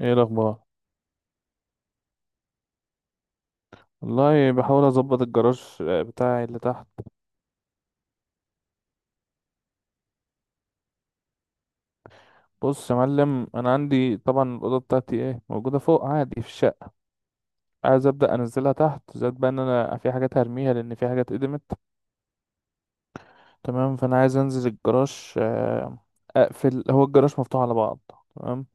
ايه الاخبار؟ والله بحاول اظبط الجراج بتاعي اللي تحت. بص يا معلم، انا عندي طبعا الاوضه بتاعتي ايه موجوده فوق عادي في الشقه. عايز ابدا انزلها تحت، زائد بقى ان انا في حاجات هرميها لان في حاجات قدمت. تمام، فانا عايز انزل الجراج اقفل. هو الجراج مفتوح على بعض. تمام،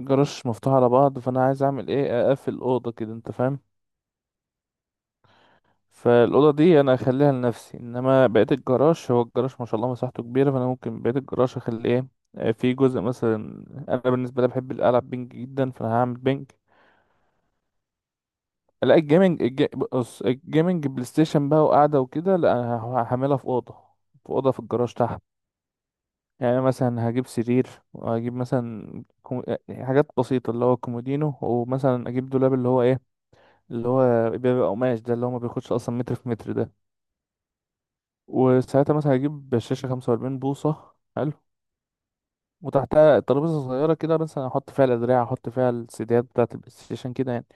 الجراج مفتوح على بعض، فانا عايز اعمل ايه؟ اقفل الاوضه كده، انت فاهم. فالأوضة دي أنا أخليها لنفسي، إنما بقية الجراج، هو الجراج ما شاء الله مساحته كبيرة، فأنا ممكن بقية الجراج أخلي إيه؟ في جزء مثلا. أنا بالنسبة لي بحب ألعب بينج جدا، فأنا هعمل بينج. لا، الجيمنج بص، الجيمنج بلاي ستيشن بقى وقعدة وكده. لا أنا هعملها في أوضة، في أوضة في الجراج تحت. يعني مثلا هجيب سرير، وهجيب مثلا حاجات بسيطة، اللي هو كومودينو، ومثلا أجيب دولاب اللي هو إيه، اللي هو بيبقى قماش ده، اللي هو ما بياخدش أصلا متر في متر ده. وساعتها مثلا هجيب شاشة 45 بوصة. حلو. وتحتها ترابيزة صغيرة كده، مثلا أحط فيها الأدراع، أحط فيها السيديات بتاعة البلاي ستيشن كده يعني.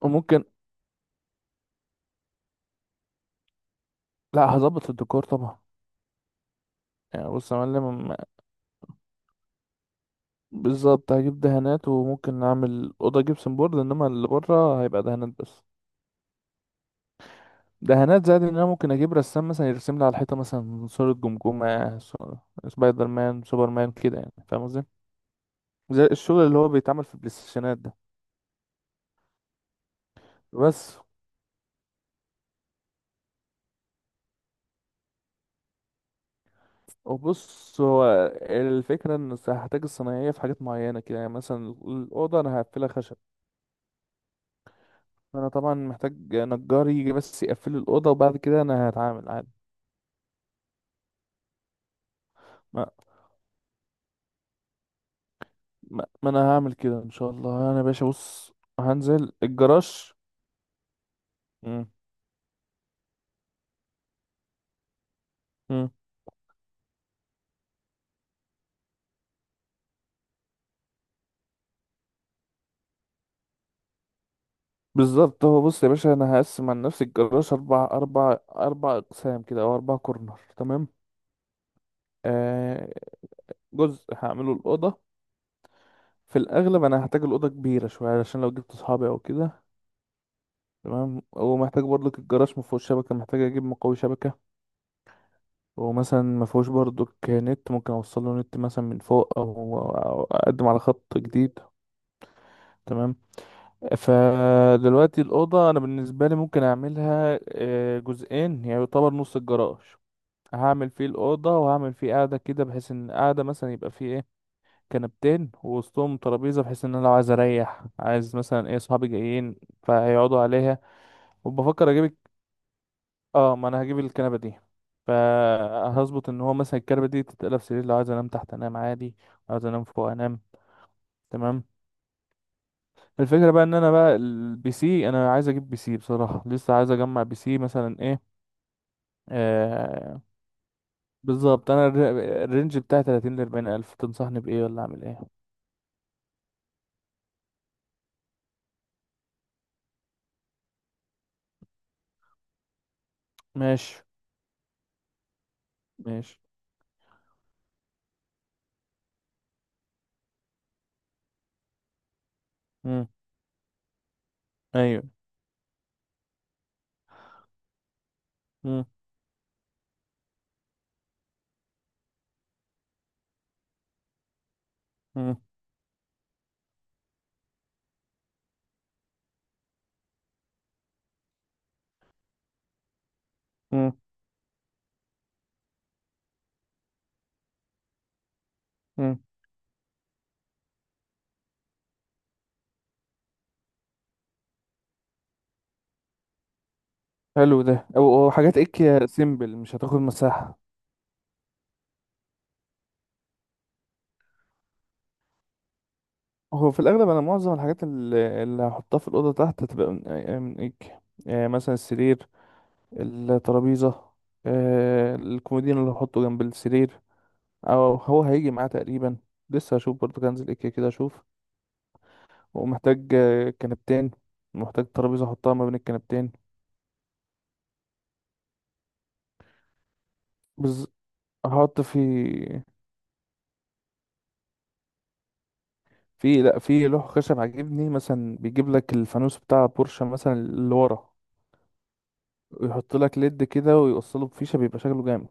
وممكن. لا، هظبط الديكور طبعا. يعني بص يا معلم بالظبط هجيب دهانات، وممكن أعمل أوضة جبسن بورد، إنما اللي بره هيبقى دهانات بس. دهانات، زائد إن أنا ممكن أجيب رسام مثلا يرسم لي على الحيطة مثلا صورة جمجمة، صورة سبايدر مان، سوبر مان كده، يعني فاهم قصدي؟ زي الشغل اللي هو بيتعمل في البلاي ستيشنات ده. بس. وبص هو الفكرة ان هحتاج الصنايعية في حاجات معينة كده، يعني مثلا الأوضة أنا هقفلها خشب. فأنا طبعا محتاج نجار يجي بس يقفل لي الأوضة، وبعد كده أنا هتعامل عادي. ما, ما أنا هعمل كده إن شاء الله. أنا يا باشا بص، هنزل الجراج. مم. مم. بالظبط، هو بص يا باشا، أنا هقسم عن نفسي الجراج أربع أقسام كده، أو أربع كورنر، تمام. آه جزء هعمله الأوضة. في الأغلب أنا هحتاج الأوضة كبيرة شوية، علشان لو جبت أصحابي أو كده. تمام. هو محتاج برضك، الجراج ما فيهوش شبكه، محتاج اجيب مقوي شبكه. هو مثلا ما فيهوش برضك نت، ممكن اوصل له نت مثلا من فوق، او اقدم على خط جديد. تمام. فدلوقتي الاوضه انا بالنسبه لي ممكن اعملها جزئين، يعني يعتبر نص الجراج. هعمل فيه الاوضه، وهعمل فيه قاعده كده، بحيث ان قاعده مثلا يبقى فيه ايه، كنبتين ووسطهم ترابيزه، بحيث ان انا لو عايز اريح، عايز مثلا ايه، صحابي جايين، فهيقعدوا عليها. وبفكر اجيب. اه، ما انا هجيب الكنبه دي، فهظبط ان هو مثلا الكنبه دي تتقلب سرير، لو عايز انام تحت انام عادي، لو عايز انام فوق انام. تمام. الفكره بقى ان انا بقى، البي سي، انا عايز اجيب بي سي بصراحه، لسه عايز اجمع بي سي مثلا ايه. آه بالظبط، انا الرينج بتاعي 30 ل 40 الف. تنصحني بايه ولا اعمل ايه؟ ماشي. ماشي. امم، ايوه. امم امم امم حلو ده، أو حاجات ايه سيمبل مش هتاخد مساحه. هو في الأغلب أنا معظم الحاجات اللي هحطها في الأوضة تحت هتبقى من إيك. مثلا السرير، الترابيزة، الكومودين اللي هحطه جنب السرير، أو هو هيجي معاه تقريبا. لسه هشوف برضه، كنزل إيك كده أشوف. ومحتاج كنبتين، محتاج ترابيزة أحطها ما بين الكنبتين. بز... هحط في لوح خشب عاجبني، مثلا بيجيب لك الفانوس بتاع بورشة مثلا اللي ورا، ويحط لك ليد كده، ويوصله بفيشة، بيبقى شكله جامد.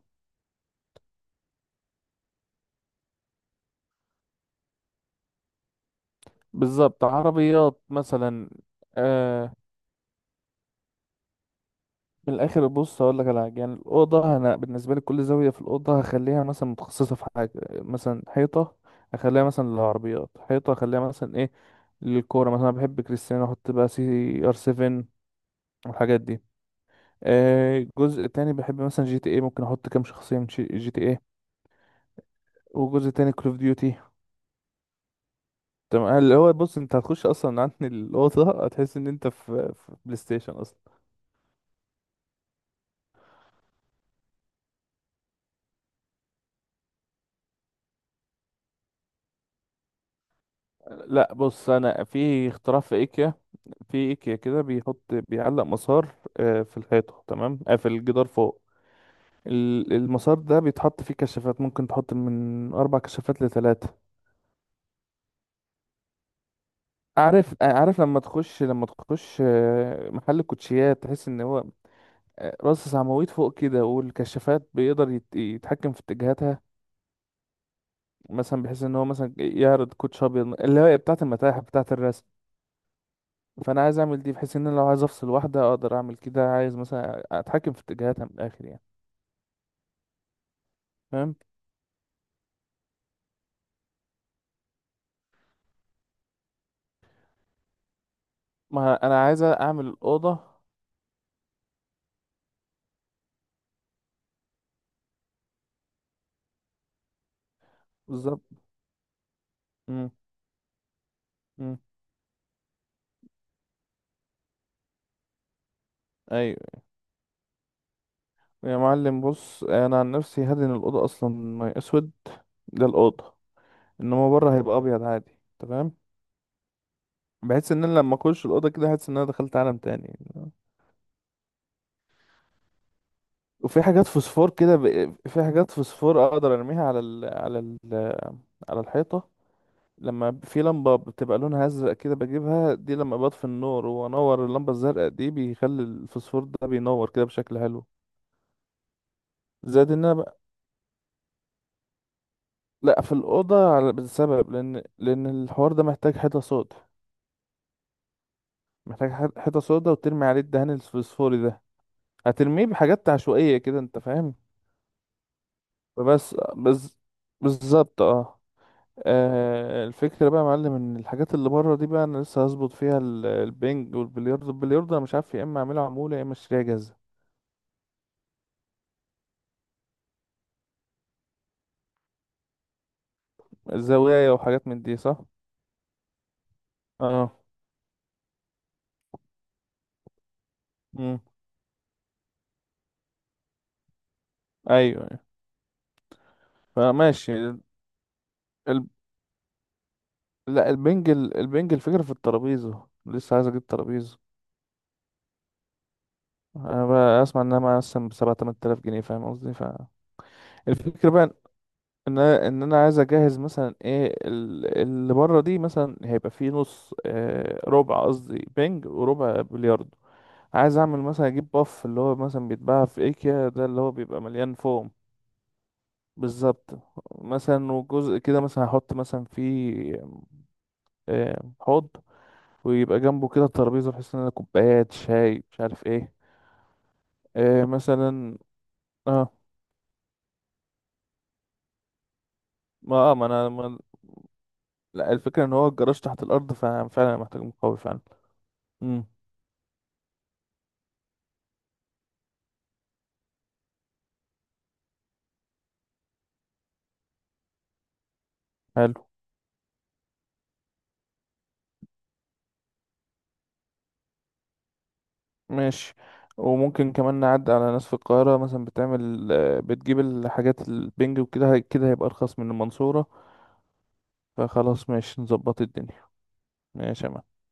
بالظبط، عربيات مثلا. آه من الاخر بص هقول لك على حاجه، يعني الاوضه انا بالنسبه لي كل زاويه في الاوضه هخليها مثلا متخصصه في حاجه. مثلا حيطه اخليها مثلا للعربيات، حيطه اخليها مثلا ايه للكوره، مثلا أنا بحب كريستيانو، احط بقى سي ار 7 والحاجات دي. جزء تاني بحب مثلا جي تي ايه، ممكن احط كام شخصيه من جي تي ايه. وجزء تاني كول اوف ديوتي. تمام، اللي هو بص، انت هتخش اصلا عن الاوضه هتحس ان انت في بلاي ستيشن. لا بص، انا في اختراع في ايكيا. في ايكيا كده بيحط، بيعلق مسار في الحيطه، تمام، في الجدار فوق. المسار ده بيتحط فيه كشافات، ممكن تحط من اربع كشافات لثلاثه. عارف لما تخش محل الكوتشيات، تحس ان هو راس عواميد فوق كده، والكشافات بيقدر يتحكم في اتجاهاتها. مثلا بحيث ان هو مثلا يعرض كوتش ابيض، اللي هي بتاعه المتاحف، بتاعه الرسم. فانا عايز اعمل دي، بحيث ان انا لو عايز افصل واحده اقدر اعمل كده، عايز مثلا اتحكم في اتجاهاتها من الاخر يعني، فاهم. ما انا عايز اعمل الاوضه بالظبط. امم، امم، ايوه. يا معلم بص، انا عن نفسي هدن الاوضه اصلا ميه اسود. ده الاوضه، انما بره هيبقى ابيض عادي، تمام. بحيث ان انا لما اخش الاوضه كده احس ان انا دخلت عالم تاني. وفي حاجات فوسفور كده في حاجات فوسفور اقدر ارميها على الحيطه. لما في لمبة بتبقى لونها أزرق كده بجيبها دي، لما بطفي النور وأنور اللمبة الزرقاء دي بيخلي الفوسفور ده بينور كده بشكل حلو. زائد إن أنا بقى، لأ في الأوضة، على بسبب لأن لأن الحوار ده محتاج حيطة سودا. محتاج حيطة سودا، وترمي عليه الدهان الفوسفوري ده. هترميه بحاجات عشوائية كده، أنت فاهم. بس، بس. بالظبط، اه. الفكرة بقى يا معلم، ان الحاجات اللي بره دي بقى انا لسه هظبط فيها البنج والبلياردو. البلياردو انا مش عارف، يا اما اعمله عمولة يا اما اشتريها جاهزة. زوايا وحاجات من دي، صح. اه، امم، ايوه، أيوة. فماشي ال- لا البنج، البنج الفكرة في الترابيزة، لسه عايز اجيب ترابيزة. انا بقى اسمع انها مثلا بسبعة تمن تلاف جنيه، فاهم قصدي؟ الفكرة بقى ان انا، عايز اجهز مثلا ايه، اللي بره دي مثلا هيبقى فيه نص ربع قصدي، بنج وربع بلياردو. عايز اعمل مثلا، اجيب باف اللي هو مثلا بيتباع في ايكيا ده، اللي هو بيبقى مليان فوم. بالظبط، مثلا وجزء كده مثلا هحط مثلا فيه حوض، ويبقى جنبه كده ترابيزة، بحيث ان انا كوبايات شاي مش عارف ايه. مثلا. اه اه، ما انا ما، لا، الفكرة ان هو الجراج تحت الارض، ففعلا أنا محتاج مقاوي فعلا. امم. حلو. ماشي. وممكن كمان نعدي على ناس في القاهرة، مثلا بتعمل آه، بتجيب الحاجات البنج وكده، كده هيبقى ارخص من المنصورة. فخلاص ماشي، نظبط الدنيا. ماشي يا معلم.